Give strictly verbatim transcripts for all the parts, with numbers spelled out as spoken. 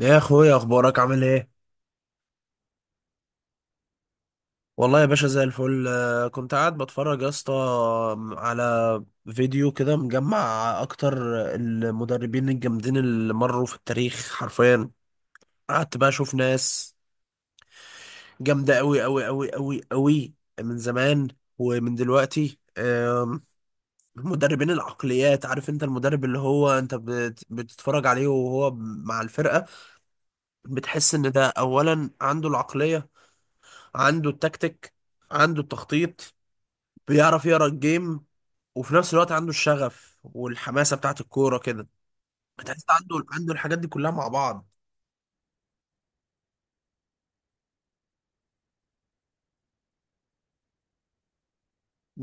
يا اخويا، اخبارك عامل ايه؟ والله يا باشا زي الفل، آه، كنت قاعد بتفرج يا اسطى على فيديو كده مجمع اكتر المدربين الجامدين اللي مروا في التاريخ حرفيا. قعدت بقى اشوف ناس جامده قوي قوي قوي قوي قوي من زمان ومن دلوقتي. آم، مدربين العقليات. عارف انت المدرب اللي هو انت بت- بتتفرج عليه وهو مع الفرقه، بتحس ان ده اولا عنده العقليه، عنده التكتيك، عنده التخطيط، بيعرف يقرا الجيم، وفي نفس الوقت عنده الشغف والحماسه بتاعت الكوره كده. تحس عنده عنده الحاجات دي كلها مع بعض.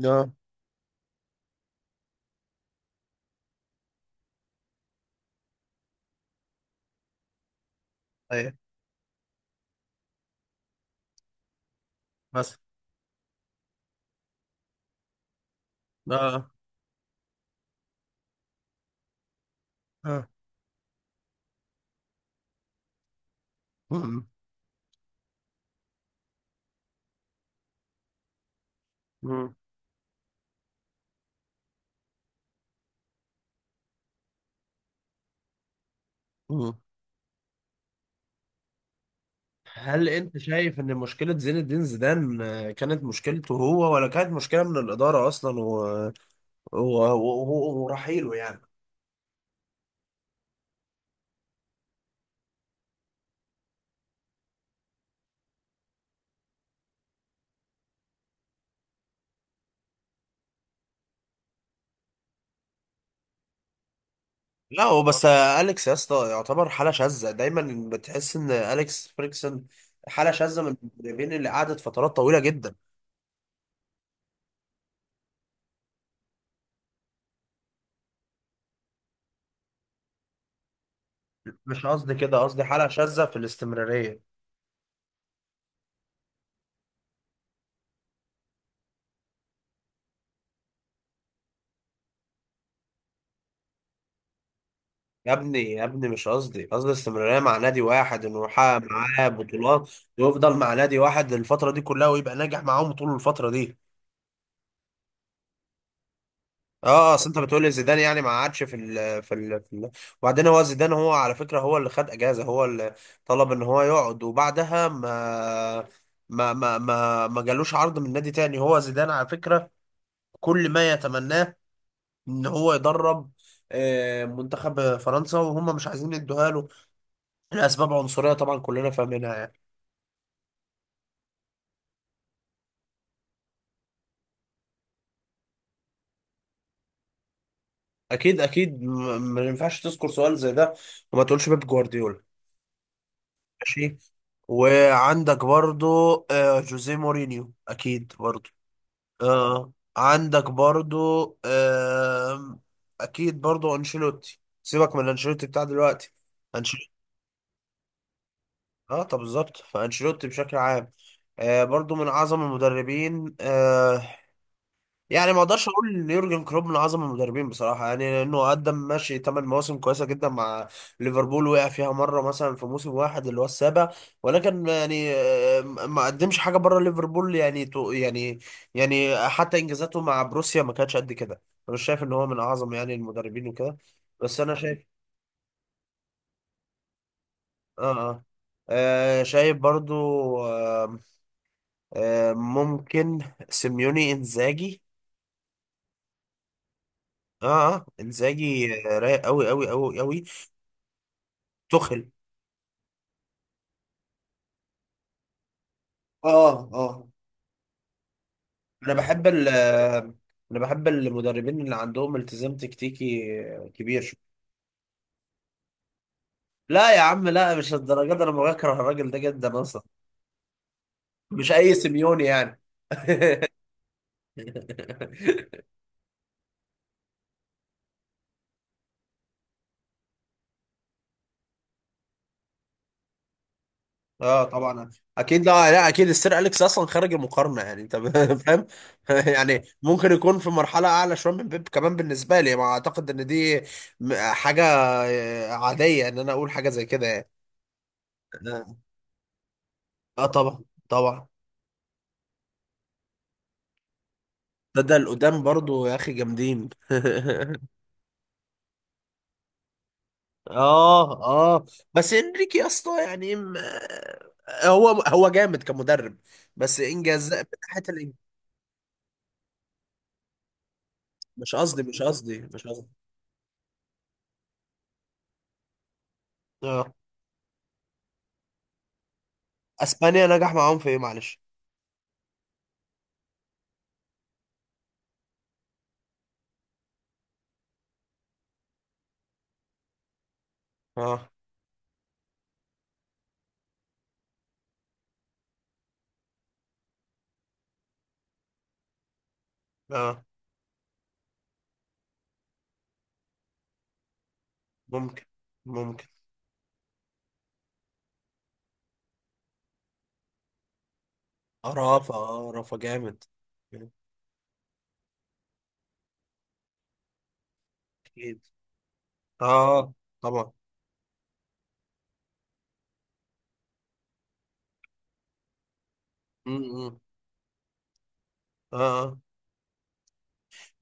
اه، ايه، بس، اه اه. مم. مم. مم. هل انت شايف ان مشكله زين الدين زيدان، آه، كانت مشكلته هو، ولا كانت مشكله من الاداره اصلا و... و... و... و... ورحيله يعني؟ لا هو بس آه، اليكس يا اسطى يعتبر حاله شاذه، دايما بتحس ان اليكس فريكسون حاله شاذه من المدربين اللي قعدت فترات طويله جدا. مش قصدي كده، قصدي حالة شاذة في الاستمرارية. يا ابني يا ابني، مش قصدي، قصدي الاستمرارية مع نادي واحد، انه يحقق معاه بطولات ويفضل مع نادي واحد الفترة دي كلها ويبقى ناجح معاهم طول الفترة دي. اه، آه، اصل انت بتقول لي زيدان يعني ما قعدش في ال في ال في ال وبعدين هو زيدان هو على فكرة، هو اللي خد اجازة، هو اللي طلب ان هو يقعد، وبعدها ما ما ما ما ما جالوش عرض من نادي تاني. هو زيدان على فكرة كل ما يتمناه ان هو يدرب آه، منتخب فرنسا، وهم مش عايزين يدوها له لاسباب عنصريه طبعا كلنا فاهمينها يعني. اكيد اكيد، م- ما ينفعش تذكر سؤال زي ده وما تقولش بيب جوارديولا. ماشي. وعندك برضو آه، جوزيه مورينيو اكيد برضو. آه، عندك برضو آه، اكيد برضو انشيلوتي، سيبك من انشيلوتي بتاع دلوقتي. انشيلوتي، اه طب بالظبط فانشيلوتي بشكل عام آه برضو من اعظم المدربين. آه يعني ما اقدرش اقول ان يورجن كلوب من اعظم المدربين بصراحه، يعني لانه قدم ماشي ثمان مواسم كويسه جدا مع ليفربول وقع فيها مره مثلا في موسم واحد اللي هو السابع، ولكن يعني آه، ما قدمش حاجه بره ليفربول يعني تو- يعني يعني حتى انجازاته مع بروسيا ما كانتش قد كده. انا مش شايف ان هو من اعظم يعني المدربين وكده، بس انا شايف. اه اه، آه، شايف برضو. آه آه ممكن. سيميوني، انزاجي. اه اه، انزاجي رايق قوي قوي قوي قوي. تخل، اه اه. انا بحب ال، انا بحب المدربين اللي عندهم التزام تكتيكي كبير شوية. لا يا عم لا، مش الدرجات دي، انا بكره الراجل ده جدا اصلا. مش اي سيميوني يعني. اه طبعا اكيد، لا لا اكيد السير اليكس اصلا خارج المقارنه، يعني انت فاهم. يعني ممكن يكون في مرحله اعلى شويه من بيب كمان، بالنسبه لي ما اعتقد ان دي م- حاجه آه، عاديه ان انا اقول حاجه زي كده يعني. اه طبعا طبعا، ده ده القدام برضو يا اخي جامدين. اه اه، بس انريكي يا اسطى يعني م- هو هو جامد كمدرب، بس انجاز من ناحيه الإنج- مش قصدي مش قصدي مش قصدي. اه، اسبانيا نجح معاهم في ايه معلش؟ اه اه ممكن ممكن. آه، رافا، اه رافا جامد. اكيد اه طبعا. م- م. اه آه.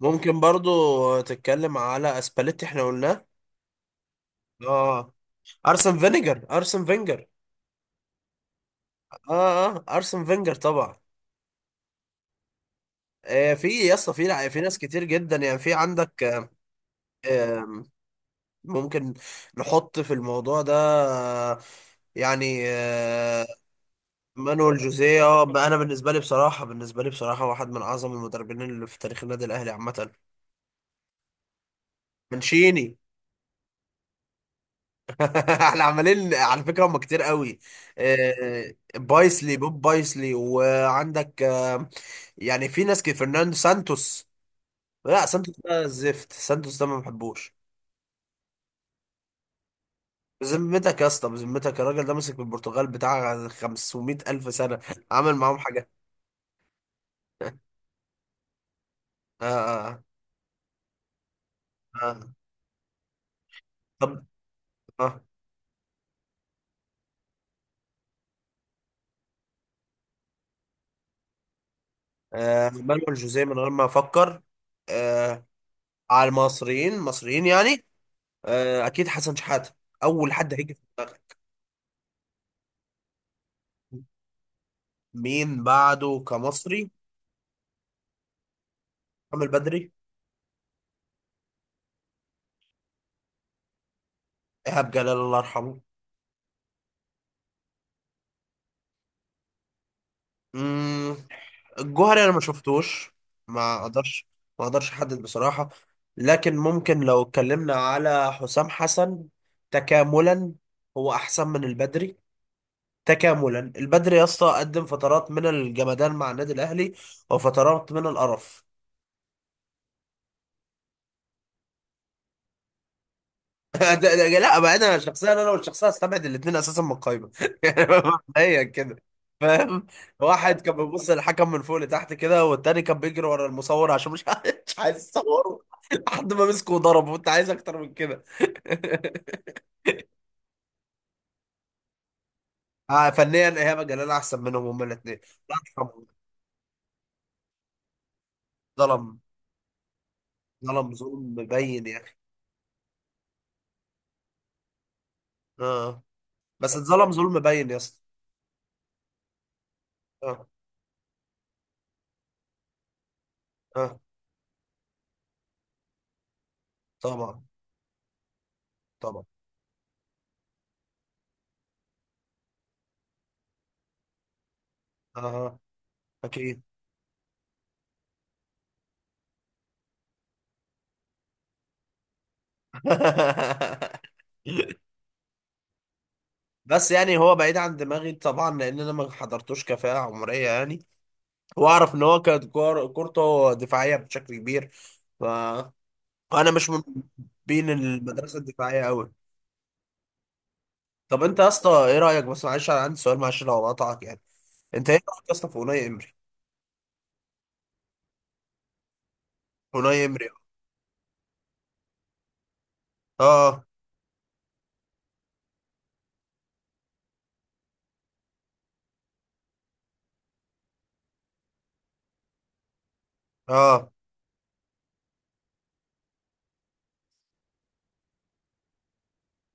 ممكن برضو تتكلم على اسباليتي، احنا قلناه. اه، ارسن فينيجر، ارسن فينجر. اه اه، ارسن فينجر طبعا. آه في يا اسطى في لع- في ناس كتير جدا يعني. في عندك آه، آه، ممكن نحط في الموضوع ده آه، يعني آه. مانويل جوزيه، آه، انا بالنسبه لي بصراحه، بالنسبه لي بصراحه، واحد من اعظم المدربين اللي في تاريخ النادي الاهلي عامه. منشيني. احنا عمالين على فكره هم كتير قوي. آه، بايسلي، بوب بايسلي، وعندك آه، يعني في ناس كتير. فرناندو سانتوس، لا سانتوس ده زفت، سانتوس ده ما بحبوش. بذمتك يا اسطى، بذمتك الراجل ده مسك البرتغال بتاع خمسمائة ألف سنة، عمل معاهم حاجة؟ آه آه آه. طب، آه آه مانويل جوزيه من غير ما أفكر. آه على المصريين، مصريين يعني. آه أكيد حسن شحاتة أول حد هيجي في دماغك. مين بعده كمصري؟ عامل بدري. إيهاب جلال الله يرحمه. مم. الجوهري انا ما شفتوش، ما اقدرش، ما اقدرش احدد بصراحة. لكن ممكن لو اتكلمنا على حسام حسن، تكاملا هو احسن من البدري. تكاملا البدري يا اسطى قدم فترات من الجمدان مع النادي الاهلي وفترات من القرف. ده- ده- لا بقى انا شخصيا، انا والشخصيه، استبعد الاثنين اساسا من القايمه، يعني مبدئيا كده. فاهم، واحد كان بيبص للحكم من فوق لتحت كده، والتاني كان بيجري ورا المصور عشان مش عايز، مش عايز يصوره لحد ما مسكه وضربه، وانت عايز اكتر من كده. آه فنيا ايهاب جلال احسن منهم هما الاثنين. لا طبعاً. ظلم، ظلم ظلم مبين يا اخي. اه، بس اتظلم ظلم مبين يا اسطى. اه اه طبعا طبعا. اه اكيد. بس يعني هو بعيد عن دماغي طبعا لان انا ما حضرتوش كفاءة عمرية يعني. واعرف ان هو كانت كور- كورته دفاعية بشكل كبير، ف انا مش من بين المدرسة الدفاعية قوي. طب انت يا اسطى ايه رأيك، بس معلش انا عندي سؤال، معلش لو قطعك يعني، انت ايه رأيك يا اسطى في اوناي امري؟ اوناي امري، اه اه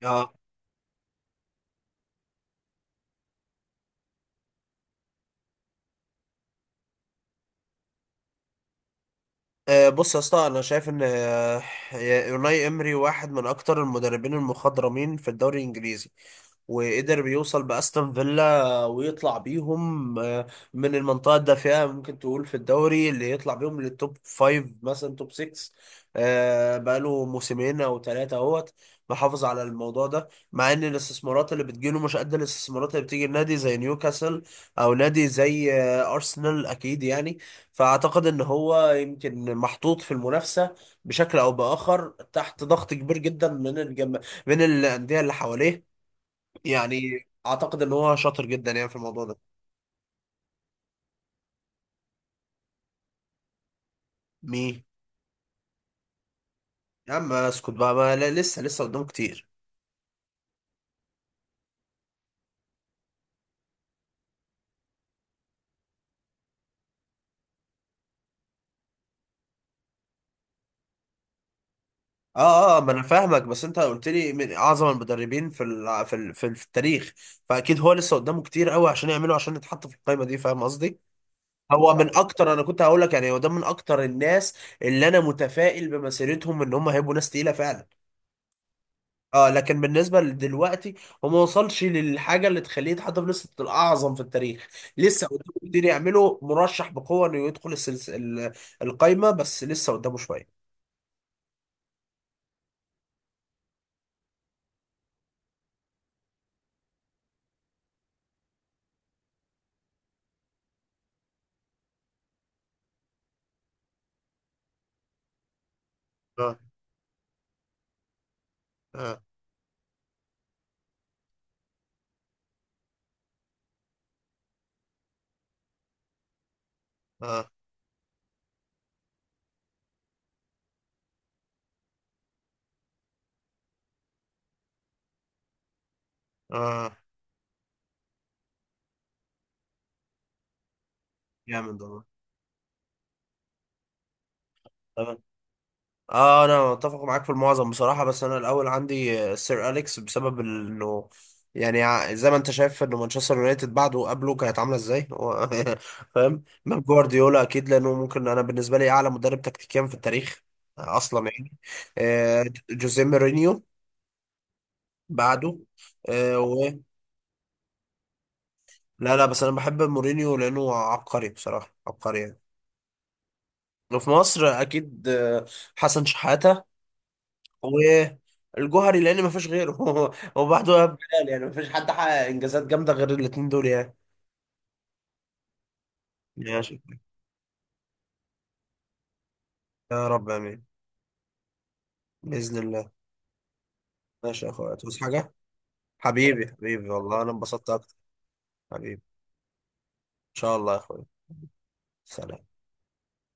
اه، آه، بص يا اسطى انا شايف ان آه، يوناي امري واحد من اكتر المدربين المخضرمين في الدوري الانجليزي، وقدر يوصل باستون فيلا ويطلع بيهم آه، من المنطقه الدافئه. ممكن تقول في الدوري اللي يطلع بيهم للتوب فايف، مثلا توب ستة. آه، بقاله موسمين او ثلاثه اهوت محافظ على الموضوع ده، مع ان الاستثمارات اللي بتجيله مش قد الاستثمارات اللي بتيجي النادي زي نيوكاسل او نادي زي آه، ارسنال اكيد يعني. فاعتقد ان هو يمكن محطوط في المنافسه بشكل او باخر تحت ضغط كبير جدا من الجم... من الانديه اللي حواليه، يعني اعتقد ان هو شاطر جدا يعني في الموضوع ده. مين؟ يا عم اسكت بقى ما، لا لسه لسه قدامه كتير. اه اه، آه، ما انا فاهمك بس انت قلت لي من اعظم المدربين في الع- في ال- في ال- في التاريخ، فاكيد هو لسه قدامه كتير قوي عشان يعمله عشان يتحط في القائمه دي. فاهم قصدي، هو من اكتر، انا كنت هقول لك يعني هو ده من اكتر الناس اللي انا متفائل بمسيرتهم ان هم هيبقوا ناس تقيله فعلا. اه، لكن بالنسبه لدلوقتي هو ما وصلش للحاجه اللي تخليه يتحط في لسته الاعظم في التاريخ. لسه قدامه كتير يعمله، مرشح بقوه انه يدخل السلس... ال- القايمه، بس لسه قدامه شويه. اه اه اه اه جامد والله. اه، انا متفق معاك في المعظم بصراحه، بس انا الاول عندي آه، سير اليكس بسبب انه يعني ع- زي ما انت شايف انه مانشستر يونايتد بعده وقبله كانت عامله ازاي هو. فاهم، مع جوارديولا اكيد لانه ممكن انا بالنسبه لي اعلى مدرب تكتيكيا في التاريخ آه، اصلا يعني. آه، جوزيه مورينيو بعده آه، و لا لا، بس انا بحب مورينيو لانه عبقري بصراحه، عبقري يعني. وفي مصر اكيد آه، حسن شحاته والجوهري لان ما فيش غيره. هو بعده يا بلال يعني ما فيش حد حقق انجازات جامده غير الاثنين دول يعني. ماشي، يا رب، امين، باذن الله. ماشي يا اخويا، توس حاجه. حبيبي حبيبي والله انا انبسطت اكتر. حبيبي ان شاء الله يا اخويا. سلام.